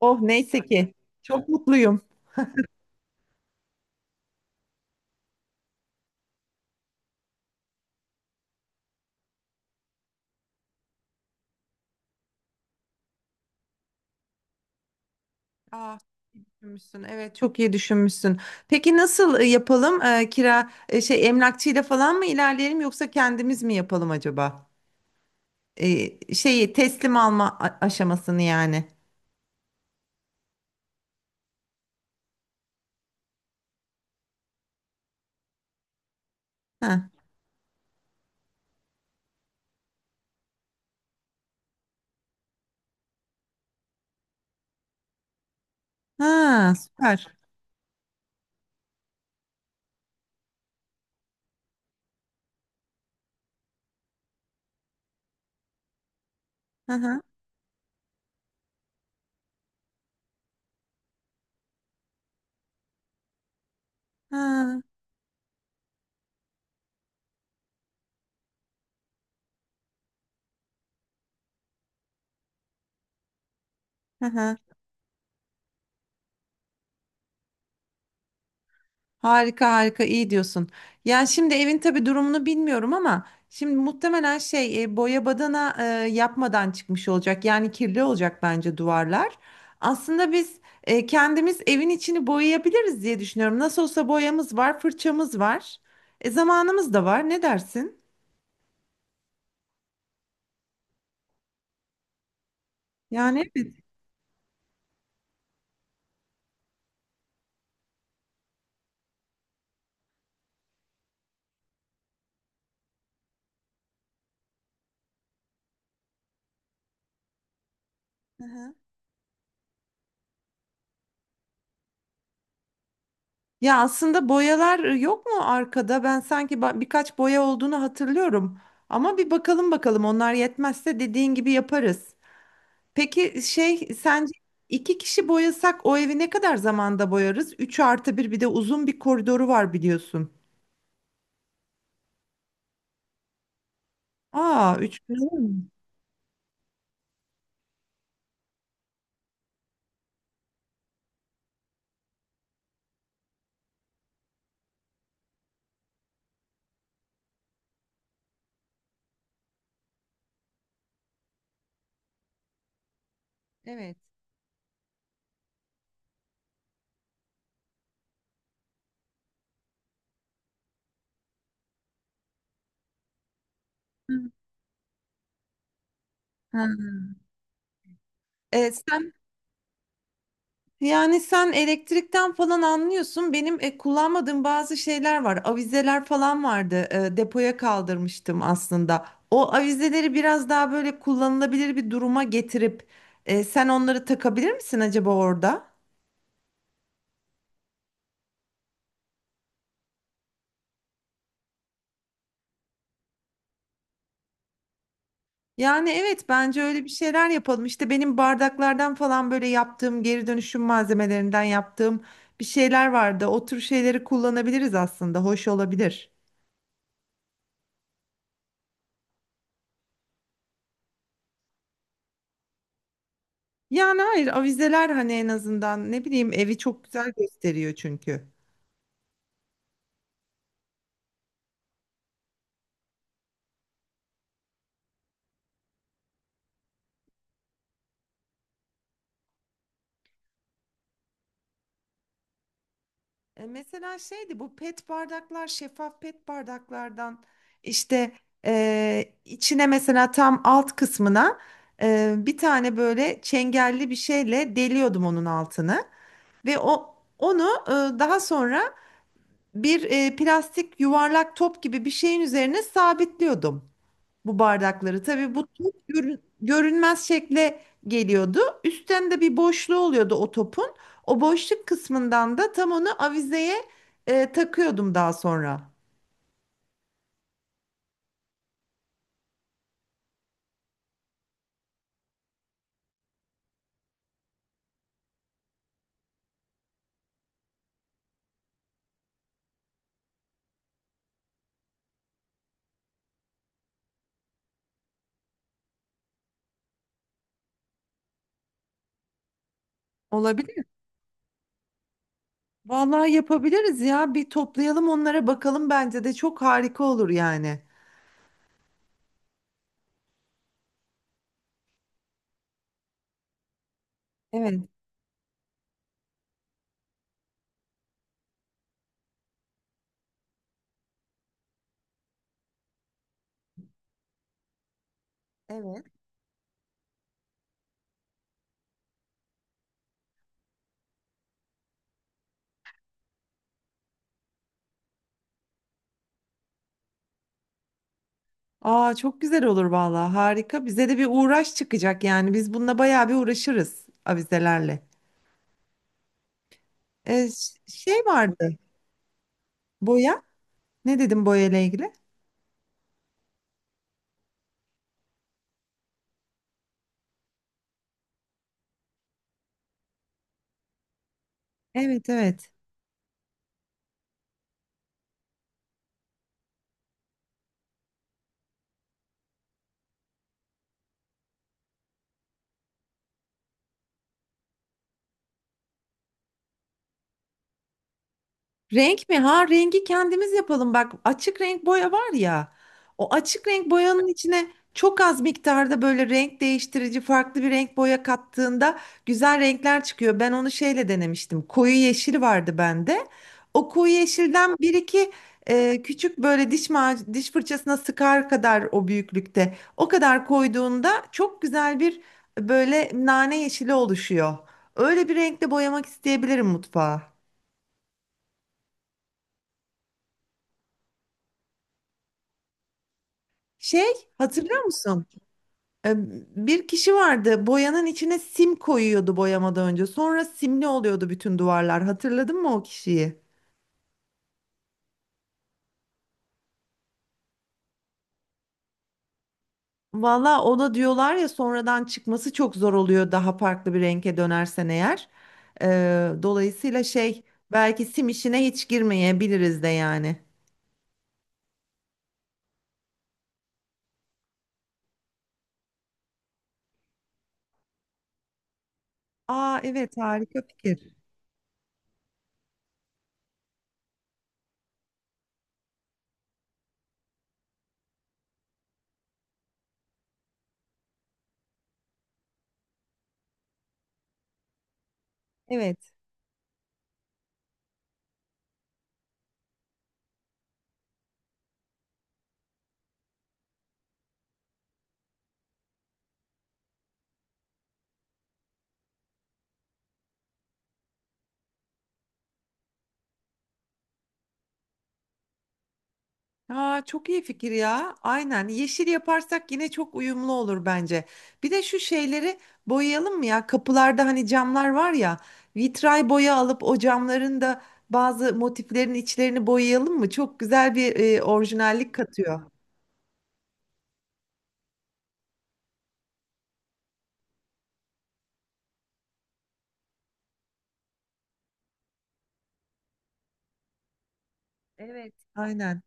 Oh, neyse ki. Çok mutluyum. Aa, iyi düşünmüşsün. Evet, çok iyi düşünmüşsün. Peki nasıl yapalım? Kira şey emlakçıyla falan mı ilerleyelim yoksa kendimiz mi yapalım acaba? Şeyi teslim alma aşamasını yani. Ha. Ha, süper. Hı hı. Ha. Hı hı. Harika harika, iyi diyorsun. Yani şimdi evin tabii durumunu bilmiyorum, ama şimdi muhtemelen şey boya badana yapmadan çıkmış olacak. Yani kirli olacak bence duvarlar. Aslında biz kendimiz evin içini boyayabiliriz diye düşünüyorum. Nasıl olsa boyamız var, fırçamız var. Zamanımız da var. Ne dersin? Yani evet. Hı hı. Ya aslında boyalar yok mu arkada? Ben sanki birkaç boya olduğunu hatırlıyorum. Ama bir bakalım, bakalım onlar yetmezse dediğin gibi yaparız. Peki şey, sence iki kişi boyasak o evi ne kadar zamanda boyarız? 3 artı bir, bir de uzun bir koridoru var biliyorsun. Aa, üç. Evet. Hı. Ha. Sen yani sen elektrikten falan anlıyorsun. Benim kullanmadığım bazı şeyler var. Avizeler falan vardı. E, depoya kaldırmıştım aslında. O avizeleri biraz daha böyle kullanılabilir bir duruma getirip sen onları takabilir misin acaba orada? Yani evet, bence öyle bir şeyler yapalım. İşte benim bardaklardan falan böyle yaptığım, geri dönüşüm malzemelerinden yaptığım bir şeyler vardı. O tür şeyleri kullanabiliriz aslında. Hoş olabilir. Yani hayır, avizeler hani en azından, ne bileyim, evi çok güzel gösteriyor çünkü. Mesela şeydi, bu pet bardaklar, şeffaf pet bardaklardan işte içine mesela tam alt kısmına bir tane böyle çengelli bir şeyle deliyordum onun altını, ve o onu daha sonra bir plastik yuvarlak top gibi bir şeyin üzerine sabitliyordum bu bardakları. Tabii bu top görünmez şekle geliyordu. Üstten de bir boşluğu oluyordu o topun. O boşluk kısmından da tam onu avizeye takıyordum daha sonra. Olabilir. Vallahi yapabiliriz ya. Bir toplayalım, onlara bakalım, bence de çok harika olur yani. Evet. Evet. Aa, çok güzel olur vallahi, harika. Bize de bir uğraş çıkacak yani. Biz bununla bayağı bir uğraşırız avizelerle. Şey vardı. Boya. Ne dedim boya ile ilgili? Evet, evet. Renk mi? Ha, rengi kendimiz yapalım. Bak, açık renk boya var ya. O açık renk boyanın içine çok az miktarda böyle renk değiştirici farklı bir renk boya kattığında güzel renkler çıkıyor. Ben onu şeyle denemiştim. Koyu yeşil vardı bende. O koyu yeşilden bir iki küçük, böyle diş fırçasına sıkar kadar o büyüklükte. O kadar koyduğunda çok güzel, bir böyle nane yeşili oluşuyor. Öyle bir renkle boyamak isteyebilirim mutfağı. Şey, hatırlıyor musun? Ee, Bir kişi vardı, boyanın içine sim koyuyordu boyamadan önce. Sonra simli oluyordu bütün duvarlar. Hatırladın mı o kişiyi? Valla, ona diyorlar ya, sonradan çıkması çok zor oluyor daha farklı bir renge dönersen eğer. Dolayısıyla şey, belki sim işine hiç girmeyebiliriz de yani. Aa evet, harika fikir. Evet. Aa, çok iyi fikir ya. Aynen. Yeşil yaparsak yine çok uyumlu olur bence. Bir de şu şeyleri boyayalım mı ya? Kapılarda hani camlar var ya. Vitray boya alıp o camların da bazı motiflerin içlerini boyayalım mı? Çok güzel bir orijinallik katıyor. Evet. Aynen.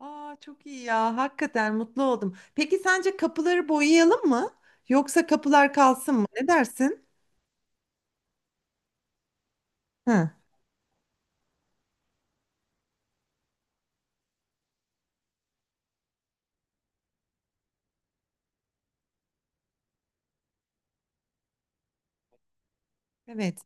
Aa, çok iyi ya. Hakikaten mutlu oldum. Peki sence kapıları boyayalım mı? Yoksa kapılar kalsın mı? Ne dersin? Hı. Evet.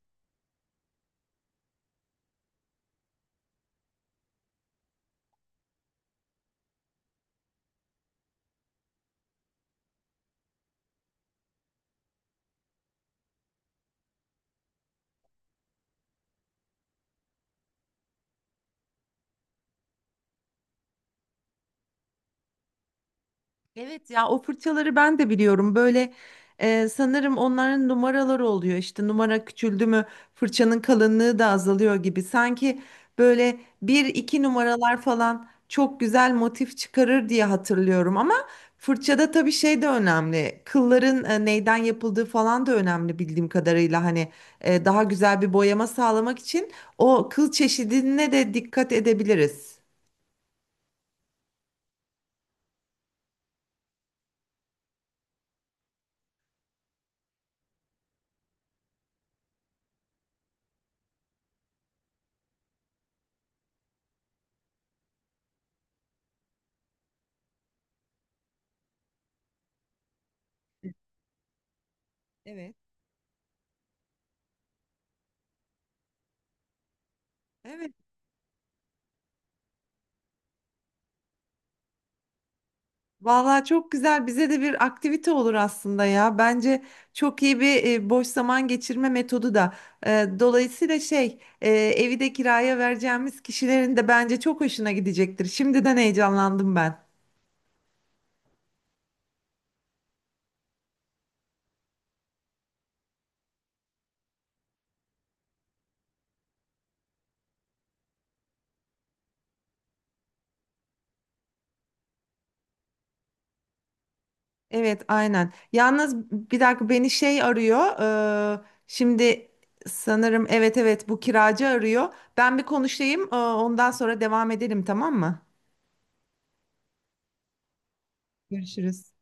Evet ya, o fırçaları ben de biliyorum. Böyle sanırım onların numaraları oluyor. İşte numara küçüldü mü fırçanın kalınlığı da azalıyor gibi. Sanki böyle bir iki numaralar falan çok güzel motif çıkarır diye hatırlıyorum. Ama fırçada tabii şey de önemli. Kılların neyden yapıldığı falan da önemli bildiğim kadarıyla. Hani daha güzel bir boyama sağlamak için o kıl çeşidine de dikkat edebiliriz. Evet. Evet. Vallahi çok güzel. Bize de bir aktivite olur aslında ya. Bence çok iyi bir boş zaman geçirme metodu da. E, Dolayısıyla şey, evi de kiraya vereceğimiz kişilerin de bence çok hoşuna gidecektir. Şimdiden heyecanlandım ben. Evet, aynen. Yalnız bir dakika, beni şey arıyor. Şimdi sanırım, evet evet, bu kiracı arıyor. Ben bir konuşayım. Ondan sonra devam edelim, tamam mı? Görüşürüz.